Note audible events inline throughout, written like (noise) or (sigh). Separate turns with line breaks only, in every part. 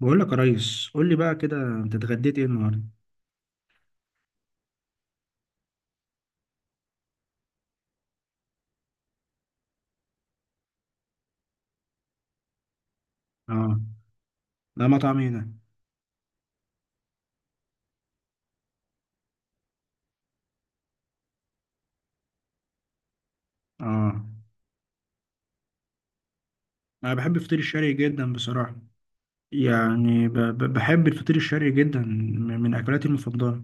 بقول لك يا ريس، قول لي بقى كده، انت اتغديت ايه النهارده؟ اه. ده مطعم ايه ده؟ اه، انا بحب الفطير الشرقي جدا بصراحه. يعني ب ب بحب الفطير الشرقي جدا، من اكلاتي المفضله.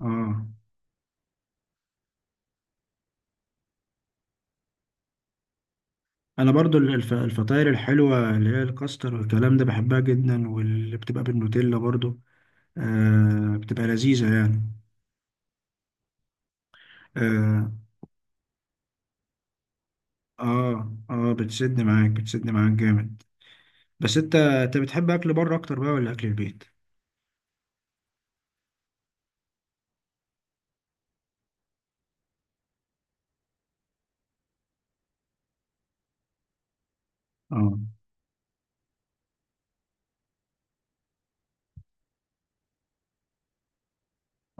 اه، انا برضو الف الفطاير الحلوه اللي هي الكاستر والكلام ده بحبها جدا، واللي بتبقى بالنوتيلا برضو آه بتبقى لذيذه يعني. اه اه, آه، بتسد معاك، بتسد معاك جامد. بس انت بتحب اكل بره اكتر بقى ولا اكل البيت؟ اه.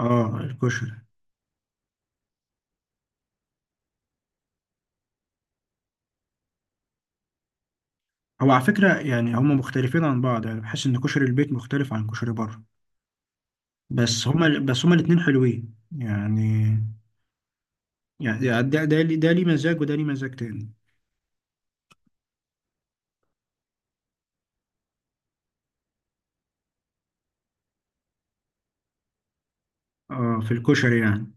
اه الكشري. هو على فكرة يعني هما مختلفين عن بعض، يعني بحس إن كشري البيت مختلف عن كشري بره، بس هما الاتنين حلوين يعني. يعني ده ليه، ده ليه مزاج وده ليه مزاج تاني. اه، في الكشري يعني.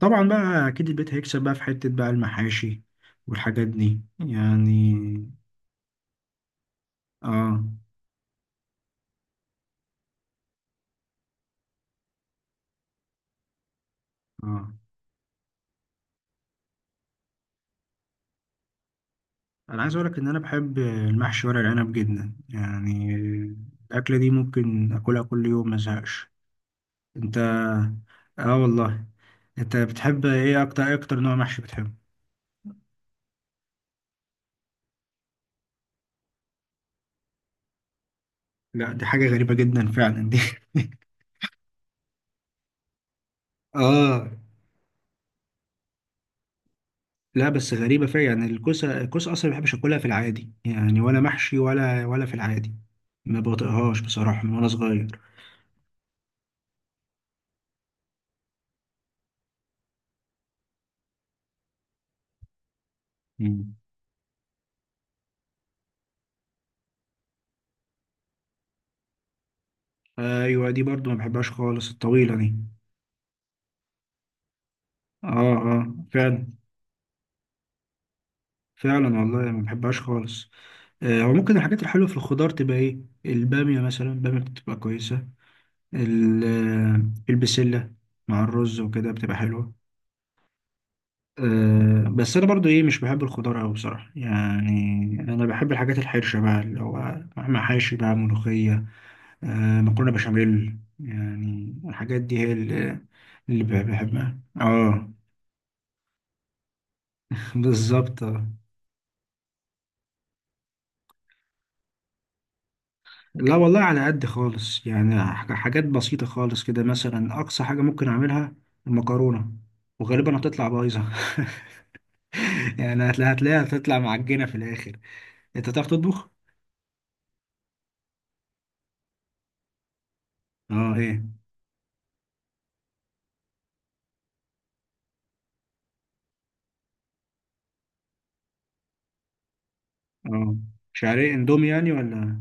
طبعا بقى أكيد البيت هيكسب بقى في حتة بقى المحاشي والحاجات دي يعني. اه اه. أنا عايز أقولك إن أنا بحب المحشي ورق العنب جدا يعني. الأكلة دي ممكن أكلها كل يوم مزهقش. أنت؟ اه والله. انت بتحب ايه اكتر، ايه اكتر نوع محشي بتحبه؟ لا، دي حاجة غريبة جدا فعلا دي. (laughs) اه. لا بس غريبة فعلا يعني، الكوسة، الكوسة اصلا ما بحبش اكلها في العادي يعني، ولا محشي ولا في العادي. ما بطيقهاش بصراحة من وانا صغير. مم. ايوه دي برضو ما بحبهاش خالص الطويلة دي. اه، اه فعلا. فعلا والله ما بحبهاش خالص. آه، هو ممكن الحاجات الحلوة في الخضار تبقى ايه؟ البامية مثلا البامية بتبقى كويسة. آه، البسلة مع الرز وكده بتبقى حلوة. أه بس انا برضو ايه مش بحب الخضار اوي بصراحه يعني. انا بحب الحاجات الحرشه بقى اللي هو مهما حاشي بقى ملوخيه، أه مكرونه بشاميل، يعني الحاجات دي هي بحبها اه. (laughs) بالظبط آه. لا والله على قد خالص يعني، حاجات بسيطه خالص كده. مثلا اقصى حاجه ممكن اعملها المكرونه، وغالبا هتطلع بايظه. (laughs) يعني هتلاقيها هتطلع معجنه في الاخر. انت تعرف تطبخ؟ اه ايه. اه، مش عارف اندومي يعني ولا؟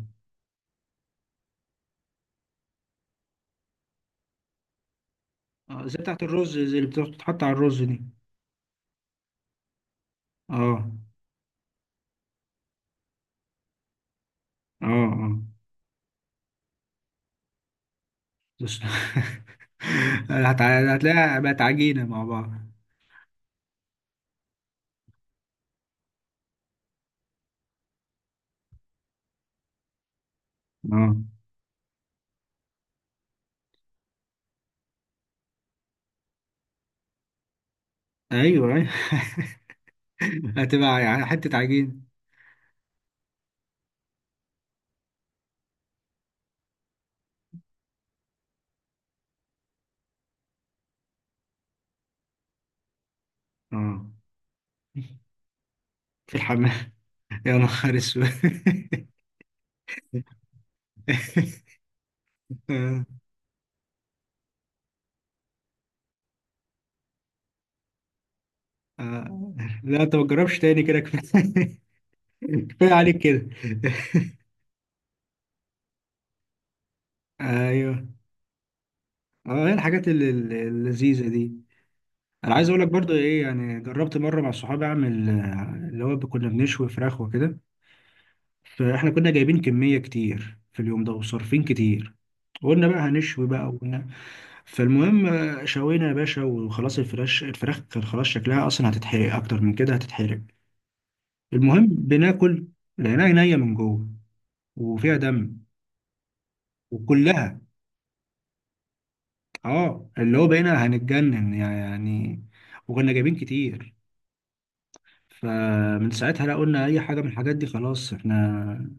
آه زي بتاعت الرز، زي اللي بتتحط على الرز دي. اه. اه اه. بس- (laughs) هت- هتلاقيها بقت عجينة مع بعض. اه ايوه ايوه. (laughs) هتبقى يعني حتة عجينة. اه، في الحمام؟ (laughs) يا نهار اسود. (laughs) آه، آه. لا انت ما تجربش تاني، كده كفاية. (laughs) كفاية عليك كده. (laughs) ايوه. اه هي الحاجات اللذيذة دي. انا عايز اقول لك برضو ايه، يعني جربت مره مع صحابي اعمل آه، اللي هو كنا بنشوي فراخ وكده. فاحنا كنا جايبين كميه كتير في اليوم ده، وصارفين كتير. قلنا بقى هنشوي بقى، وقلنا. فالمهم آه، شوينا يا باشا، وخلاص الفراخ، كان خلاص شكلها اصلا هتتحرق، اكتر من كده هتتحرق. المهم بناكل، لقيناها نيه من جوه وفيها دم. وكلها اه، اللي هو بقينا هنتجنن يعني، وكنا جايبين كتير. فمن ساعتها لا قلنا اي حاجه من الحاجات دي خلاص، احنا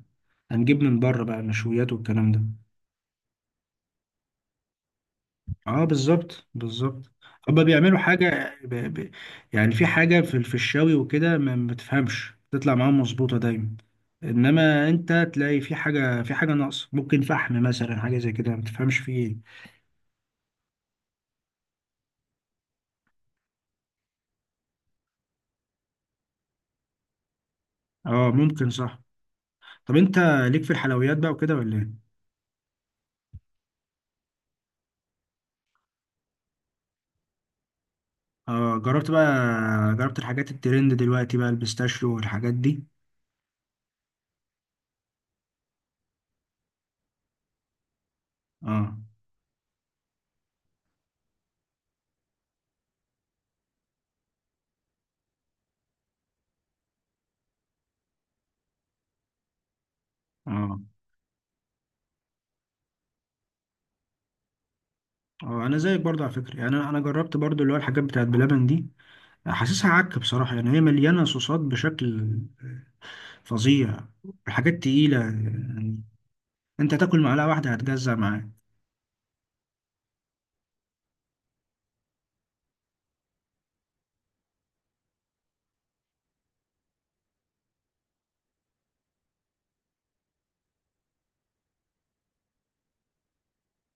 هنجيب من بره بقى مشويات والكلام ده. اه بالظبط بالظبط. هما بيعملوا حاجه يعني في حاجه في الشاوي وكده ما بتفهمش تطلع معاهم مظبوطه دايما. انما انت تلاقي في حاجه، ناقصه، ممكن فحم مثلا، حاجه زي كده ما تفهمش فيه ايه. اه ممكن صح. طب انت ليك في الحلويات بقى وكده ولا ايه؟ اه جربت بقى، جربت الحاجات الترند دلوقتي بقى البيستاشيو والحاجات دي؟ اه، اه. اه انا زيك برضه على فكره، يعني انا جربت برضه اللي هو الحاجات بتاعت بلبن دي. حاسسها عك بصراحه يعني، هي مليانه صوصات بشكل فظيع. حاجات تقيله يعني، انت تاكل معلقه واحده هتجزع معاك.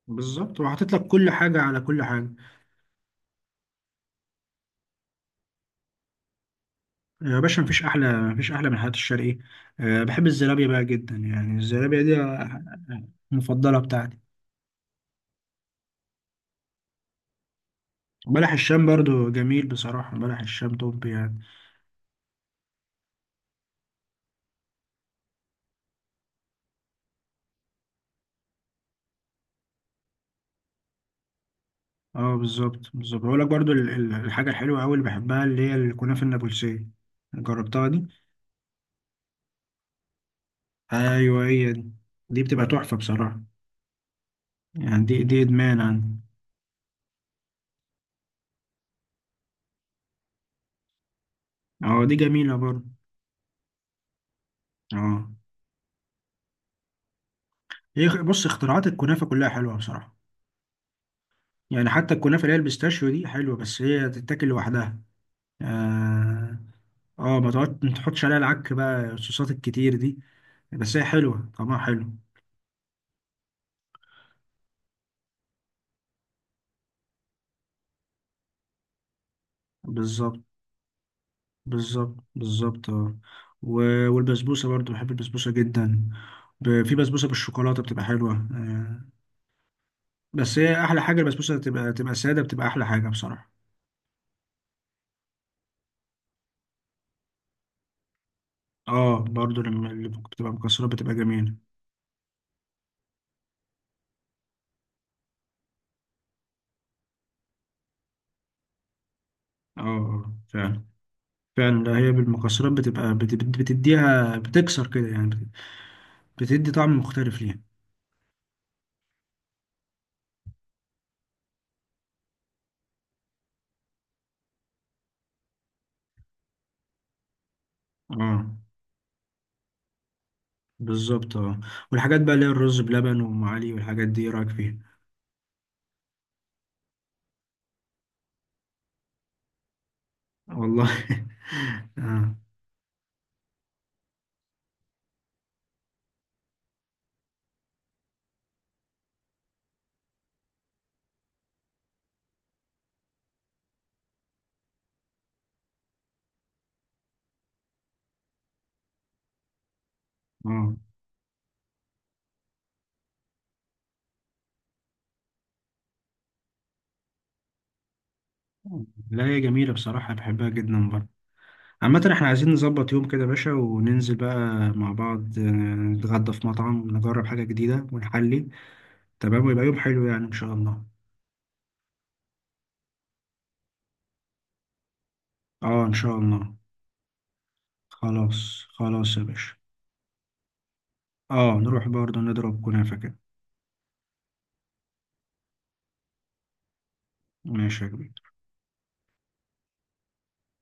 بالظبط، وحاطط لك كل حاجه على كل حاجه. يا باشا مفيش احلى، مفيش احلى من الحاجات الشرقيه. أه بحب الزلابيه بقى جدا، يعني الزلابيه دي آه، المفضله بتاعتي. بلح الشام برضه جميل بصراحه، بلح الشام توب يعني. اه بالظبط بالظبط. بقول لك برضو الحاجه الحلوه قوي اللي بحبها اللي هي الكنافه النابلسيه، جربتها دي؟ ايوه هي دي، دي بتبقى تحفه بصراحه. يعني دي ادمان عندي. اه دي جميله برضو. اه هي بص اختراعات الكنافه كلها حلوه بصراحه. يعني حتى الكنافه اللي هي البيستاشيو دي حلوه، بس هي تتاكل لوحدها. اه. اه ما تقعد ما تحطش عليها العك بقى الصوصات الكتير دي. بس هي حلوه طعمها حلو. بالظبط، بالظبط بالظبط اه. والبسبوسة برضو بحب البسبوسة جدا. في بسبوسة بالشوكولاتة بتبقى حلوة آه، بس هي أحلى حاجة البسبوسة بتبقى سادة، بتبقى أحلى حاجة بصراحة. اه برضو لما اللي بتبقى مكسرات بتبقى جميلة. اه آه، فعلا. فعلا، لا هي بالمكسرات بتبقى بتديها، بتكسر كده يعني، بتدي طعم مختلف ليها. اه بالظبط اه. والحاجات بقى اللي هي الرز بلبن وأم علي والحاجات دي إيه رأيك فيها؟ والله. (laughs) اه اه. لا هي جميلة بصراحة بحبها جدا برضه. عامة احنا عايزين نظبط يوم كده يا باشا وننزل بقى مع بعض آه، نتغدى في مطعم، نجرب حاجة جديدة ونحلي. تمام ويبقى يوم حلو يعني ان شاء الله. اه ان شاء الله. خلاص خلاص يا باشا. اه نروح برضه نضرب كنافة كده. ماشي يا كبير.